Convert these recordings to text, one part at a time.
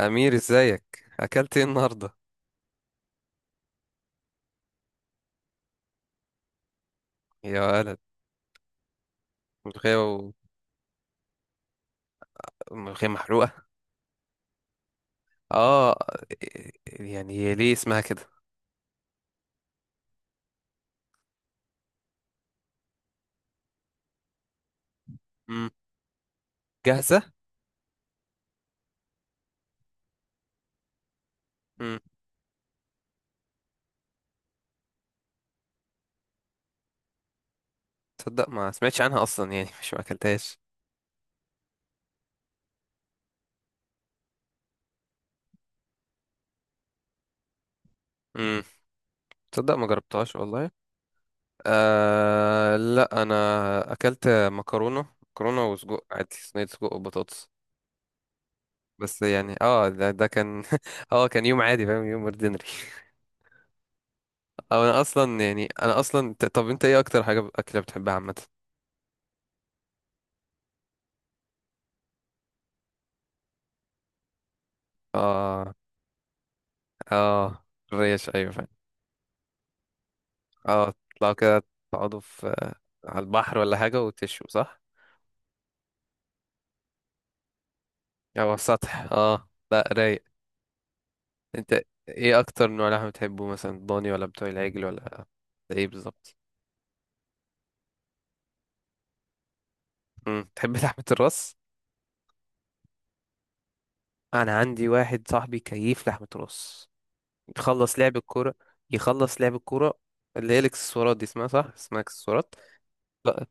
أمير، ازيك؟ أكلت ايه النهاردة يا ولد؟ ملوخية و... ملوخية محروقة. اه، يعني هي ليه اسمها كده؟ مم. جاهزة؟ مم. تصدق ما سمعتش عنها أصلا يعني مش ما أكلتهاش. مم. تصدق ما جربتهاش والله. آه، لا أنا أكلت مكرونة وسجق عادي، صينية سجق وبطاطس. بس يعني ده كان اه كان يوم عادي، فاهم؟ يوم اوردينري أو انا اصلا، يعني طب، انت ايه اكتر حاجه اكله بتحبها عامه؟ اه. اه. الريش، ايوه، فاهم. اه، تطلعوا كده، تقعدوا على البحر ولا حاجة وتشوا، صح؟ او على السطح، اه، لا رايق. انت ايه اكتر نوع لحمة بتحبه؟ مثلا ضاني ولا بتوع العجل ولا ايه بالظبط؟ امم، تحب لحمة الراس؟ انا عندي واحد صاحبي كيف لحمة راس. يخلص لعب الكورة يخلص لعب الكورة اللي هي الاكسسوارات دي اسمها، صح؟ اسمها اكسسوارات. لا،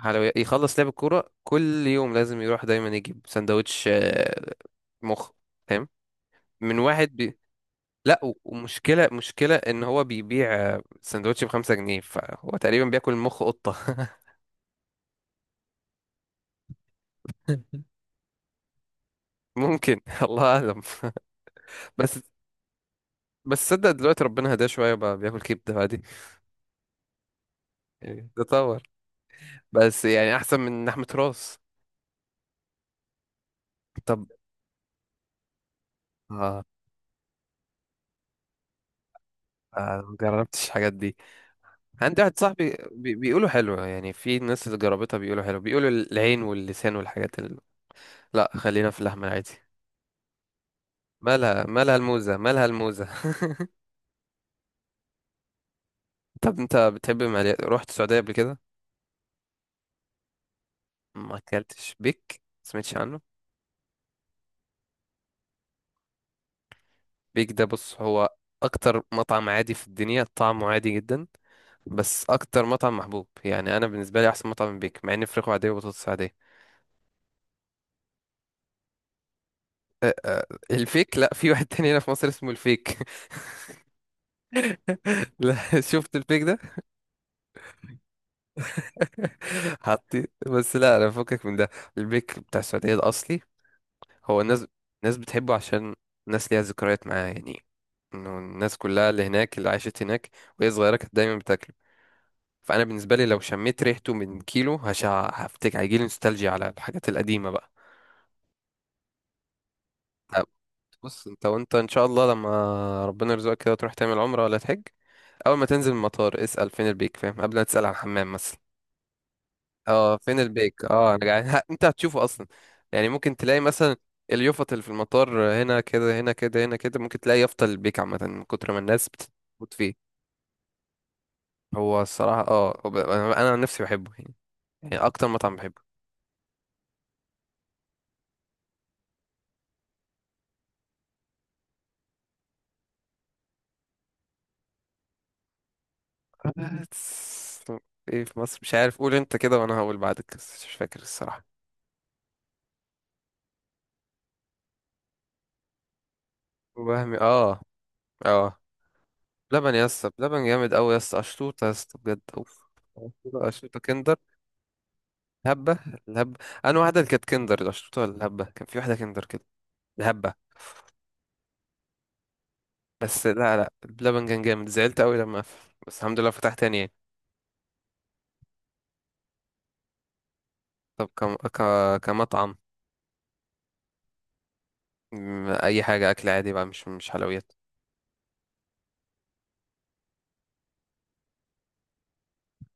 حلويات. يخلص لعب الكورة كل يوم لازم يروح دايما يجيب سندوتش، مخ، فاهم؟ من واحد بي... لا، ومشكلة ان هو بيبيع سندوتش بـ5 جنيه، فهو تقريبا بياكل مخ قطة. ممكن، الله اعلم. بس بس، صدق دلوقتي ربنا هداه شوية، بقى بياكل كبدة عادي. يعني تطور. بس يعني احسن من لحمة راس. طب، آه ما جربتش الحاجات دي. عندي واحد صاحبي بيقولوا حلوة، يعني في ناس اللي جربتها بيقولوا حلو، بيقولوا العين واللسان والحاجات اللي... لا، خلينا في اللحمة العادي. مالها الموزة، مالها الموزة طب انت بتحب المقليات؟ رحت السعودية قبل كده؟ ما اكلتش بيك؟ سمعتش عنه؟ بيك ده، بص، هو اكتر مطعم عادي في الدنيا، طعمه عادي جدا. بس اكتر مطعم محبوب، يعني انا بالنسبة لي احسن مطعم من بيك، مع ان فراخه عادية وبطاطس عادية. أه، أه، الفيك، لا، في واحد تاني هنا في مصر اسمه الفيك. لا، شفت البيك ده؟ حطيت بس، لا انا فكك من ده. البيك بتاع السعودية الاصلي. هو الناس بتحبه عشان الناس ليها ذكريات معاه، يعني انه الناس كلها اللي هناك، اللي عاشت هناك وهي صغيره، كانت دايما بتاكله. فانا بالنسبه لي لو شميت ريحته من كيلو، هش هفتكر، هيجيلي نوستالجيا على الحاجات القديمه بقى. طب، بص، انت وانت ان شاء الله، لما ربنا يرزقك كده، تروح تعمل عمره ولا تحج، اول ما تنزل من المطار اسال فين البيك، فاهم؟ قبل ما تسال على الحمام مثلا. اه، فين البيك. اه انا جعان انت هتشوفه اصلا، يعني ممكن تلاقي مثلا اليافطة اللي في المطار، هنا كده، هنا كده، هنا كده، ممكن تلاقي يافطة البيك عامة من كتر ما الناس بتموت فيه. هو الصراحة هو انا عن نفسي بحبه، يعني. يعني اكتر مطعم بحبه. بس ايه في مصر؟ مش عارف، قول انت كده وانا هقول بعدك، بس مش فاكر الصراحة. وهمي، اه، اه، لبن يا اسطى، لبن جامد قوي يا اسطى، اشطوطه يا اسطى، بجد، اوف. أشطوطة كندر. الهبة الهبة أنا واحدة اللي كانت كندر، لو شفتوها الهبة كان في واحدة كندر كده. الهبة. بس لا، لا، اللبن كان جامد، زعلت أوي لما قفل، بس الحمد لله فتح تاني يعني. طب، كمطعم. مم، أي حاجة أكل عادي بقى، مش حلويات.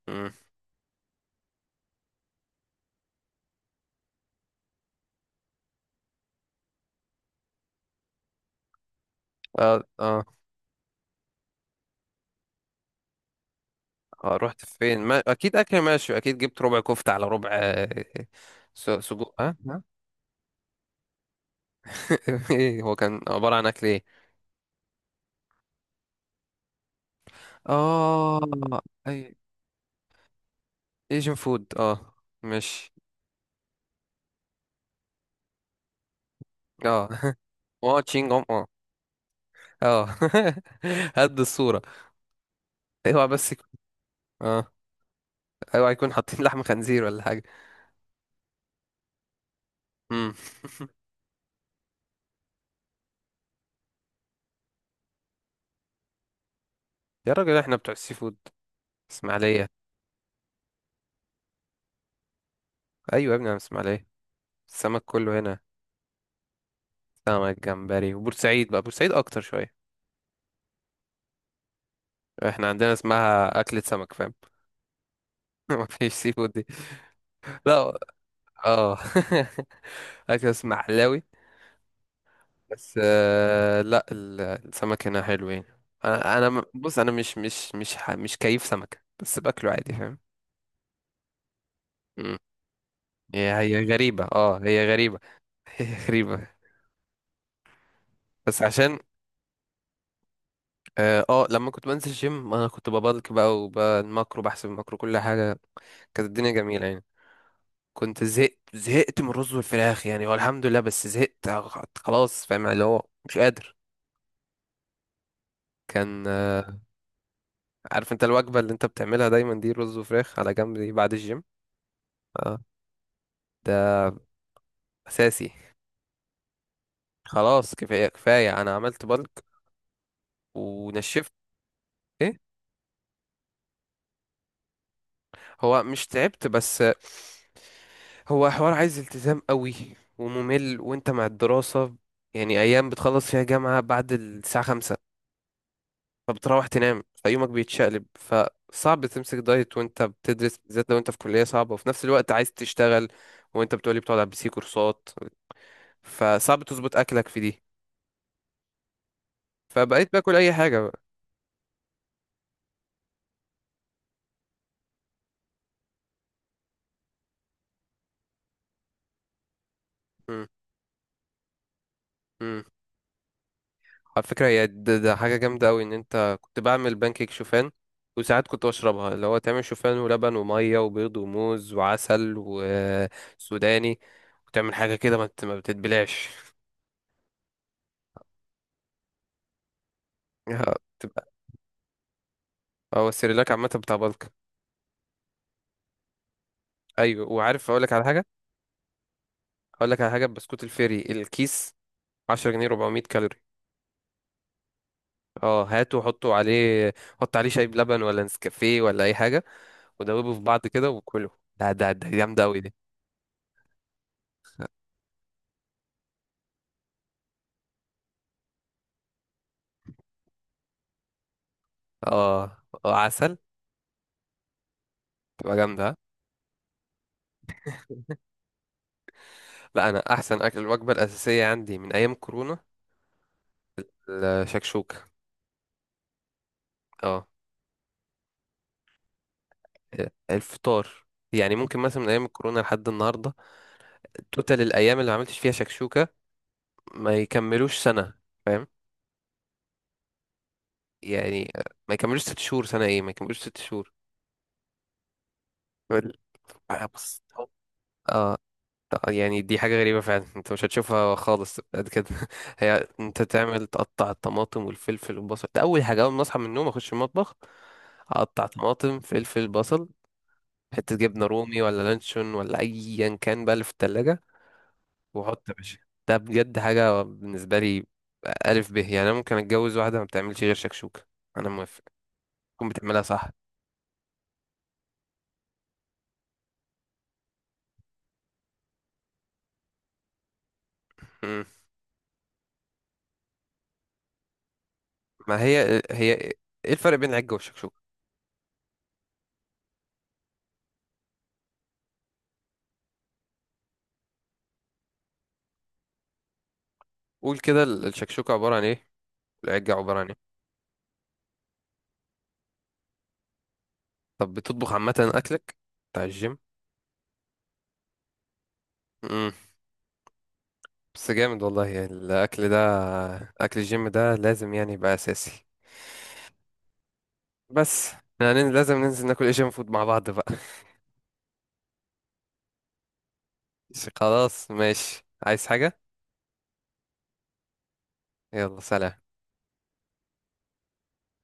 مم. اه، اه، اه، رحت فين؟ ما... أكيد أكل ماشي. أكيد جبت ربع كفتة على ربع، سجق، ها ها؟ ايه هو؟ كان عبارة عن أكل ايه؟ اه، اي، ايجن فود. اه مش اه اه تشينج، اه هد الصورة. اوعى بس يكون اه اوعى يكون حاطين لحم خنزير ولا حاجة. امم يا راجل، احنا بتوع السي فود، اسماعيلية. ايوه يا ابني، انا من اسماعيلية، السمك كله هنا. سمك، جمبري، وبورسعيد، بقى بورسعيد اكتر شوية. احنا عندنا اسمها اكلة سمك، فاهم؟ مفيش سي فود دي. لا، اه اكل اسماعيلاوي. بس آه، لا، السمك هنا حلو يعني. انا بص، انا مش كيف سمكة، بس باكله عادي، فاهم؟ هي غريبة، هي غريبة هي غريبة. بس عشان لما كنت بنزل جيم، انا كنت ببلك بقى وبالماكرو، بحسب الماكرو كل حاجة. كانت الدنيا جميلة يعني. كنت زهقت زهقت من الرز والفراخ يعني، هو الحمد لله، بس زهقت خلاص، فاهم؟ اللي هو مش قادر. كان عارف انت الوجبة اللي انت بتعملها دايما دي، رز وفراخ على جنب دي بعد الجيم. اه، ده اساسي. خلاص، كفاية كفاية، انا عملت بلك ونشفت. ايه؟ هو مش تعبت بس، هو حوار عايز التزام قوي، وممل، وانت مع الدراسة، يعني ايام بتخلص فيها جامعة بعد الساعة 5، فبتروح تنام، فيومك بيتشقلب، فصعب تمسك دايت وانت بتدرس، بالذات لو انت في كلية صعبة وفي نفس الوقت عايز تشتغل، وانت بتقولي بتقعد على الـPC كورسات، فصعب تظبط اكلك في دي. فبقيت باكل اي حاجة بقى. على فكرة، هي ده حاجة جامدة أوي، إن أنت كنت بعمل بانكيك شوفان، وساعات كنت بشربها، اللي هو تعمل شوفان ولبن ومية وبيض وموز وعسل وسوداني، وتعمل حاجة كده ما بتتبلعش. تبقى. هو السيريلاك عامة بتاع بلك. أيوة، وعارف، أقولك على حاجة، بسكوت الفيري الكيس، 10 جنيه، 400 كالوري. اه، هاته وحطه عليه، حط عليه شاي بلبن ولا نسكافيه ولا أي حاجة، ودوبه في بعض كده وكله. ده جامدة أوي دي. اه عسل، تبقى جامدة. لا انا احسن اكل، الوجبه الاساسيه عندي من ايام كورونا الشكشوكه. اه، الفطار، يعني ممكن مثلا من ايام الكورونا لحد النهارده، توتال الايام اللي ما عملتش فيها شكشوكه ما يكملوش سنه، فاهم؟ يعني، ما يكملوش 6 شهور، سنه ايه؟ ما يكملوش 6 شهور. بل- آه، بص هو- يعني دي حاجه غريبه فعلا، انت مش هتشوفها خالص قد كده هي، انت تعمل تقطع الطماطم والفلفل والبصل، ده اول حاجه، اول ما اصحى من النوم اخش المطبخ، اقطع طماطم فلفل بصل، حتة جبنة رومي ولا لانشون ولا أيا كان بقى اللي في التلاجة، وحط يا باشا. ده بجد حاجة بالنسبة لي. ألف ب، يعني أنا ممكن أتجوز واحدة ما بتعملش غير شكشوكة، أنا موافق، تكون بتعملها صح. مم. ما هي إيه الفرق بين العجة والشكشوكة؟ قول كده، الشكشوكة عبارة عن إيه؟ والعجة عبارة عن إيه؟ طب بتطبخ عامة أكلك بتاع الجيم؟ مم. بس جامد والله، يعني الأكل ده، أكل الجيم ده لازم يعني يبقى أساسي. بس يعني لازم ننزل ناكل ايجن فود مع بعض بقى. بس، خلاص ماشي، عايز حاجة؟ يلا، سلام.